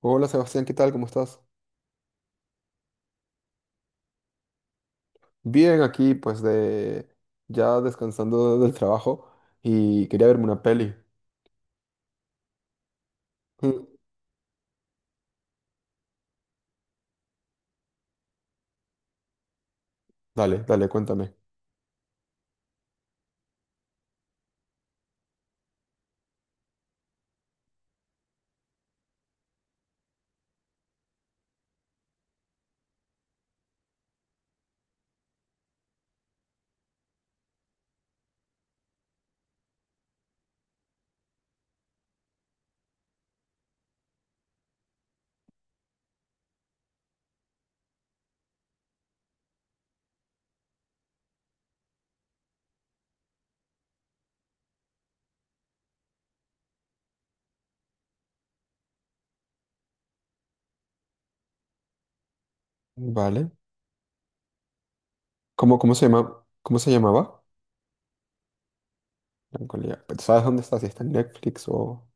Hola Sebastián, ¿qué tal? ¿Cómo estás? Bien, aquí pues de ya descansando del trabajo y quería verme una peli. Mm, Dale, dale, cuéntame. Vale. ¿Cómo, cómo se llama? ¿Cómo se llamaba? Melancolía. Pero, ¿sabes dónde está? Si está en Netflix o...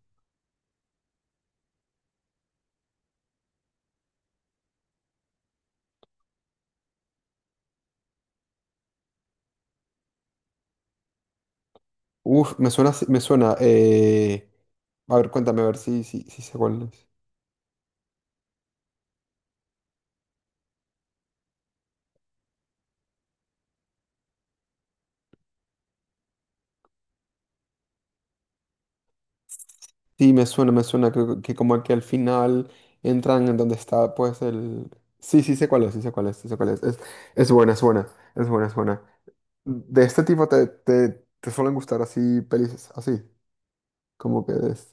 Uf, me suena, me suena. A ver, cuéntame a ver si, si, si sé cuál es. Sí, me suena, me suena. Creo que como que al final entran en donde está pues el... Sí, sí sé cuál es, sí sé cuál es, sí sé cuál es. Es buena, es buena, es buena, es buena. De este tipo te, te, te suelen gustar así pelis, así, como que es...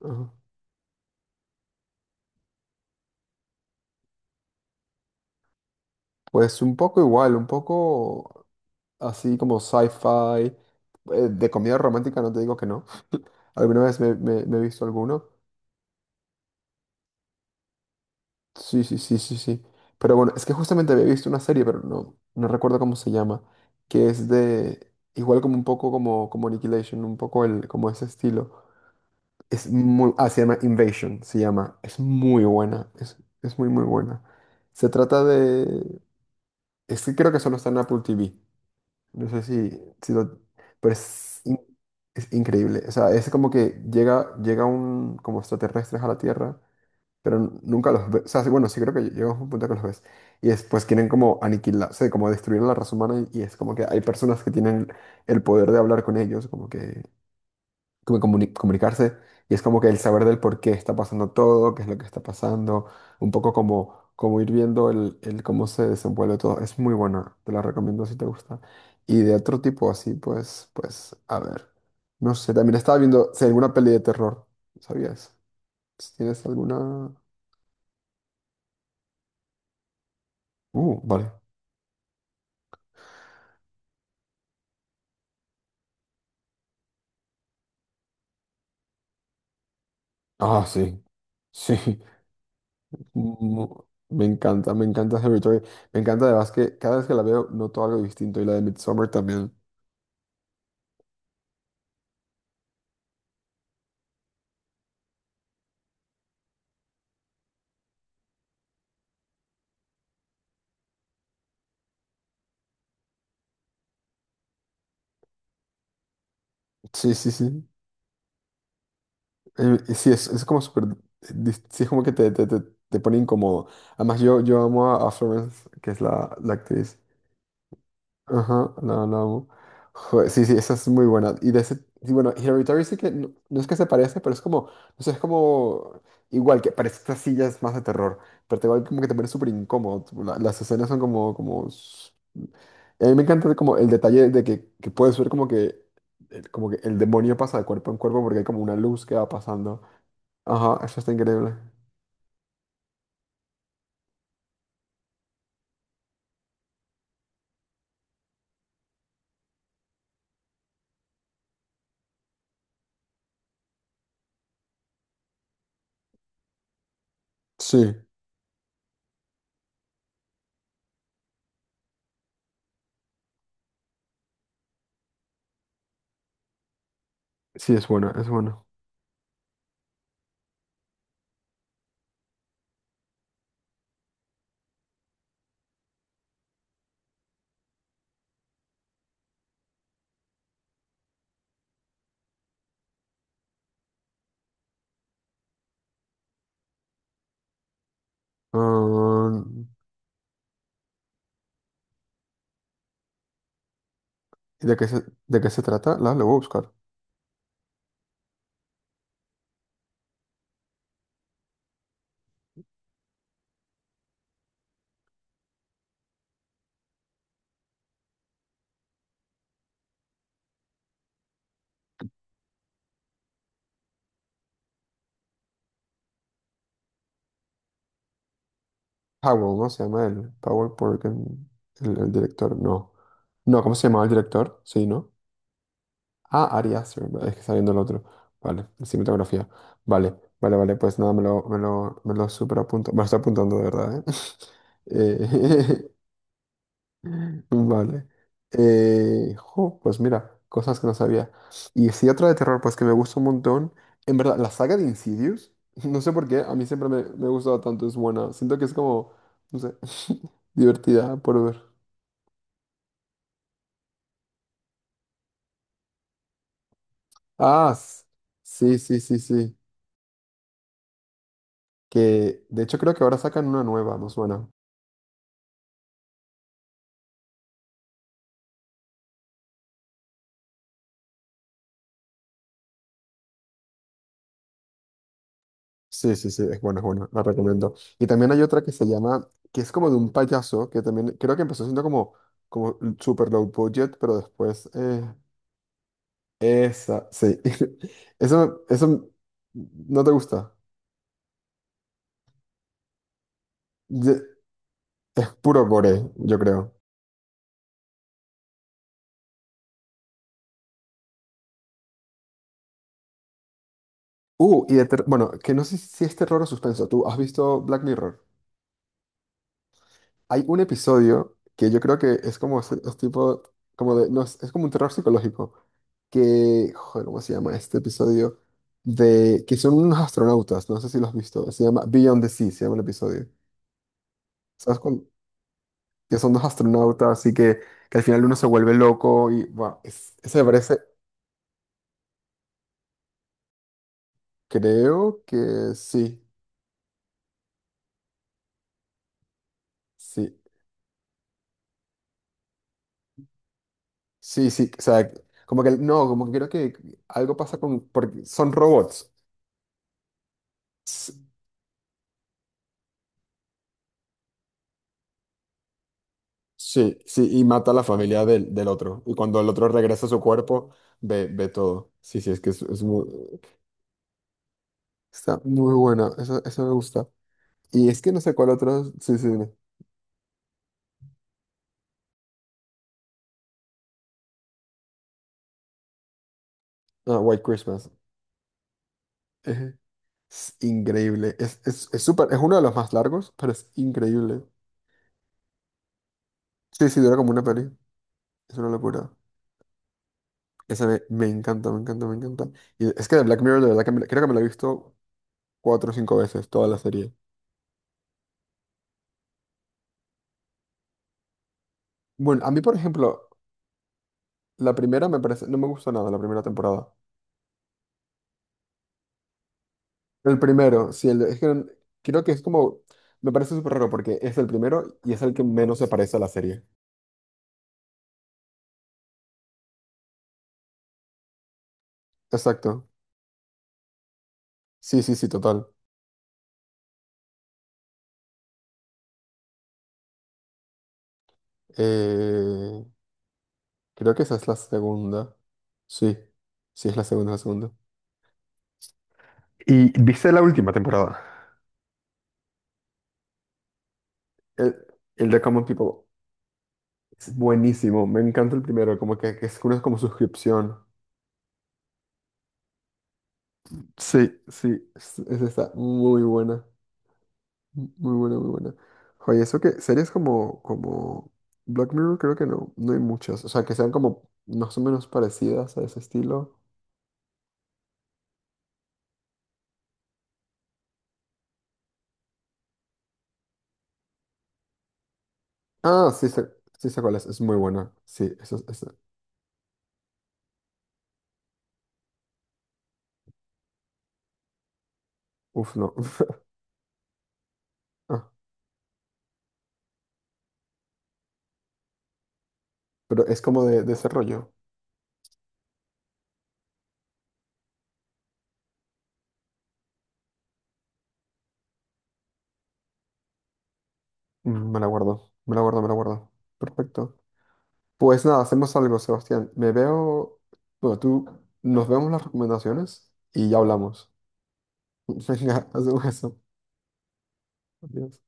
Ajá. Pues un poco igual, un poco así como sci-fi, de comedia romántica, no te digo que no. Alguna vez me, me he visto alguno. Sí, sí, sí, sí, sí. Pero bueno, es que justamente había visto una serie, pero no, no recuerdo cómo se llama, que es de, igual como un poco como, como Annihilation, un poco el, como ese estilo. Es muy, ah, se llama Invasion, se llama. Es muy buena, es muy, muy buena. Se trata de... Es que creo que solo está en Apple TV. No sé si, si lo... Pero es, es increíble. O sea, es como que llega, llega un... como extraterrestres a la Tierra, pero nunca los ves. O sea, sí, bueno, sí creo que llega un punto que los ves. Y después quieren como aniquilar, o sea, como destruir a la raza humana y es como que hay personas que tienen el poder de hablar con ellos, como que como comunicarse y es como que el saber del por qué está pasando todo, qué es lo que está pasando, un poco como, como ir viendo el cómo se desenvuelve todo. Es muy buena, te la recomiendo si te gusta. Y de otro tipo así, pues, pues, a ver. No sé, también estaba viendo si alguna peli de terror, ¿sabías? Si tienes alguna... vale. Ah, sí. Sí. Mm, me encanta, me encanta Hereditary. Me encanta además que cada vez que la veo noto algo distinto y la de Midsommar también. Sí, sí, sí. Y sí, es como súper, sí, es como que te pone incómodo. Además, yo amo a Florence, que es la, la actriz. Ajá, la amo. Joder, sí, sí, esa es muy buena. Y de ese, sí, bueno, Hereditary sí que, no, no es que se parece, pero es como, no sé, es como, igual, que parece estas sillas más de terror, pero te igual como que te pone súper incómodo. Tipo, las escenas son como, como, a mí me encanta como el detalle de que puedes ver como que el demonio pasa de cuerpo en cuerpo porque hay como una luz que va pasando. Ajá, eso está increíble. Sí, sí, es buena, es buena. Ah, ¿y de qué se trata? La, lo voy a buscar. Powell, ¿no? Se llama el Powell porque el director, no. No, ¿cómo se llamaba el director? Sí, ¿no? Ah, Ari Aster, vale, es que está viendo el otro. Vale, cinematografía. Vale, vale, vale, pues nada, me lo, me lo, me lo super apunto. Me lo estoy apuntando de verdad, ¿eh? Eh, vale. Jo, pues mira, cosas que no sabía. Y si otra de terror, pues que me gusta un montón. En verdad, la saga de Insidious, no sé por qué, a mí siempre me, me ha gustado tanto, es buena. Siento que es como, no sé, divertida por ver. Ah, s- sí, sí, sí, sí. Que de hecho creo que ahora sacan una nueva, más buena. Sí, sí, sí, es buena, la recomiendo. Y también hay otra que se llama, que es como de un payaso, que también creo que empezó siendo como, como super low budget, pero después... esa, sí. Eso no te gusta. Ye- Es puro gore, yo creo. Y de bueno, que no sé si es terror o suspenso. ¿Tú has visto Black Mirror? Hay un episodio que yo creo que es como es tipo, como de, no, es como un terror psicológico. Que, joder, ¿cómo se llama este episodio? De que son unos astronautas, no sé si lo has visto. Se llama Beyond the Sea, se llama el episodio. ¿Sabes cuál? Que son dos astronautas y que al final uno se vuelve loco y, bueno, ese me parece... Creo que sí, sí, sí, sí, o sea, como que no, como que creo que algo pasa con, porque son robots. S- Sí, sí, y mata a la familia del, del otro. Y cuando el otro regresa a su cuerpo, ve, ve todo. Sí, sí, es que es muy, está muy buena, eso me gusta. Y es que no sé cuál otro, sí, sí, dime. Ah, White Christmas. Eje. Es increíble, es súper, es uno de los más largos, pero es increíble. Sí, sí, dura como una peli, es una locura. Esa me, me encanta, me encanta, me encanta. Y es que de Black Mirror, de verdad que me creo que me la he visto cuatro o cinco veces toda la serie. Bueno, a mí, por ejemplo, la primera me parece, no me gusta nada, la primera temporada. El primero, sí, el, es que creo que es como, me parece súper raro porque es el primero y es el que menos se parece a la serie. Exacto. Sí, sí, sí, total. Eh, creo que esa es la segunda. Sí, sí, es la segunda, la segunda. ¿Y viste la última temporada? El, el de Common People. Es buenísimo, me encanta el primero, como que es una como suscripción. Sí, sí, esa está muy buena, muy buena, muy buena. Oye, eso que series como, como Black Mirror creo que no, no hay muchas, o sea, que sean como más o menos parecidas a ese estilo. Ah, sí sé cuál es muy buena, sí, eso, uf, no. Ah, pero es como de ese rollo. Me la guardo, me la guardo, me la guardo. Perfecto. Pues nada, hacemos algo, Sebastián. Me veo, bueno, tú, nos vemos las recomendaciones y ya hablamos. Venga, hacemos eso. Adiós.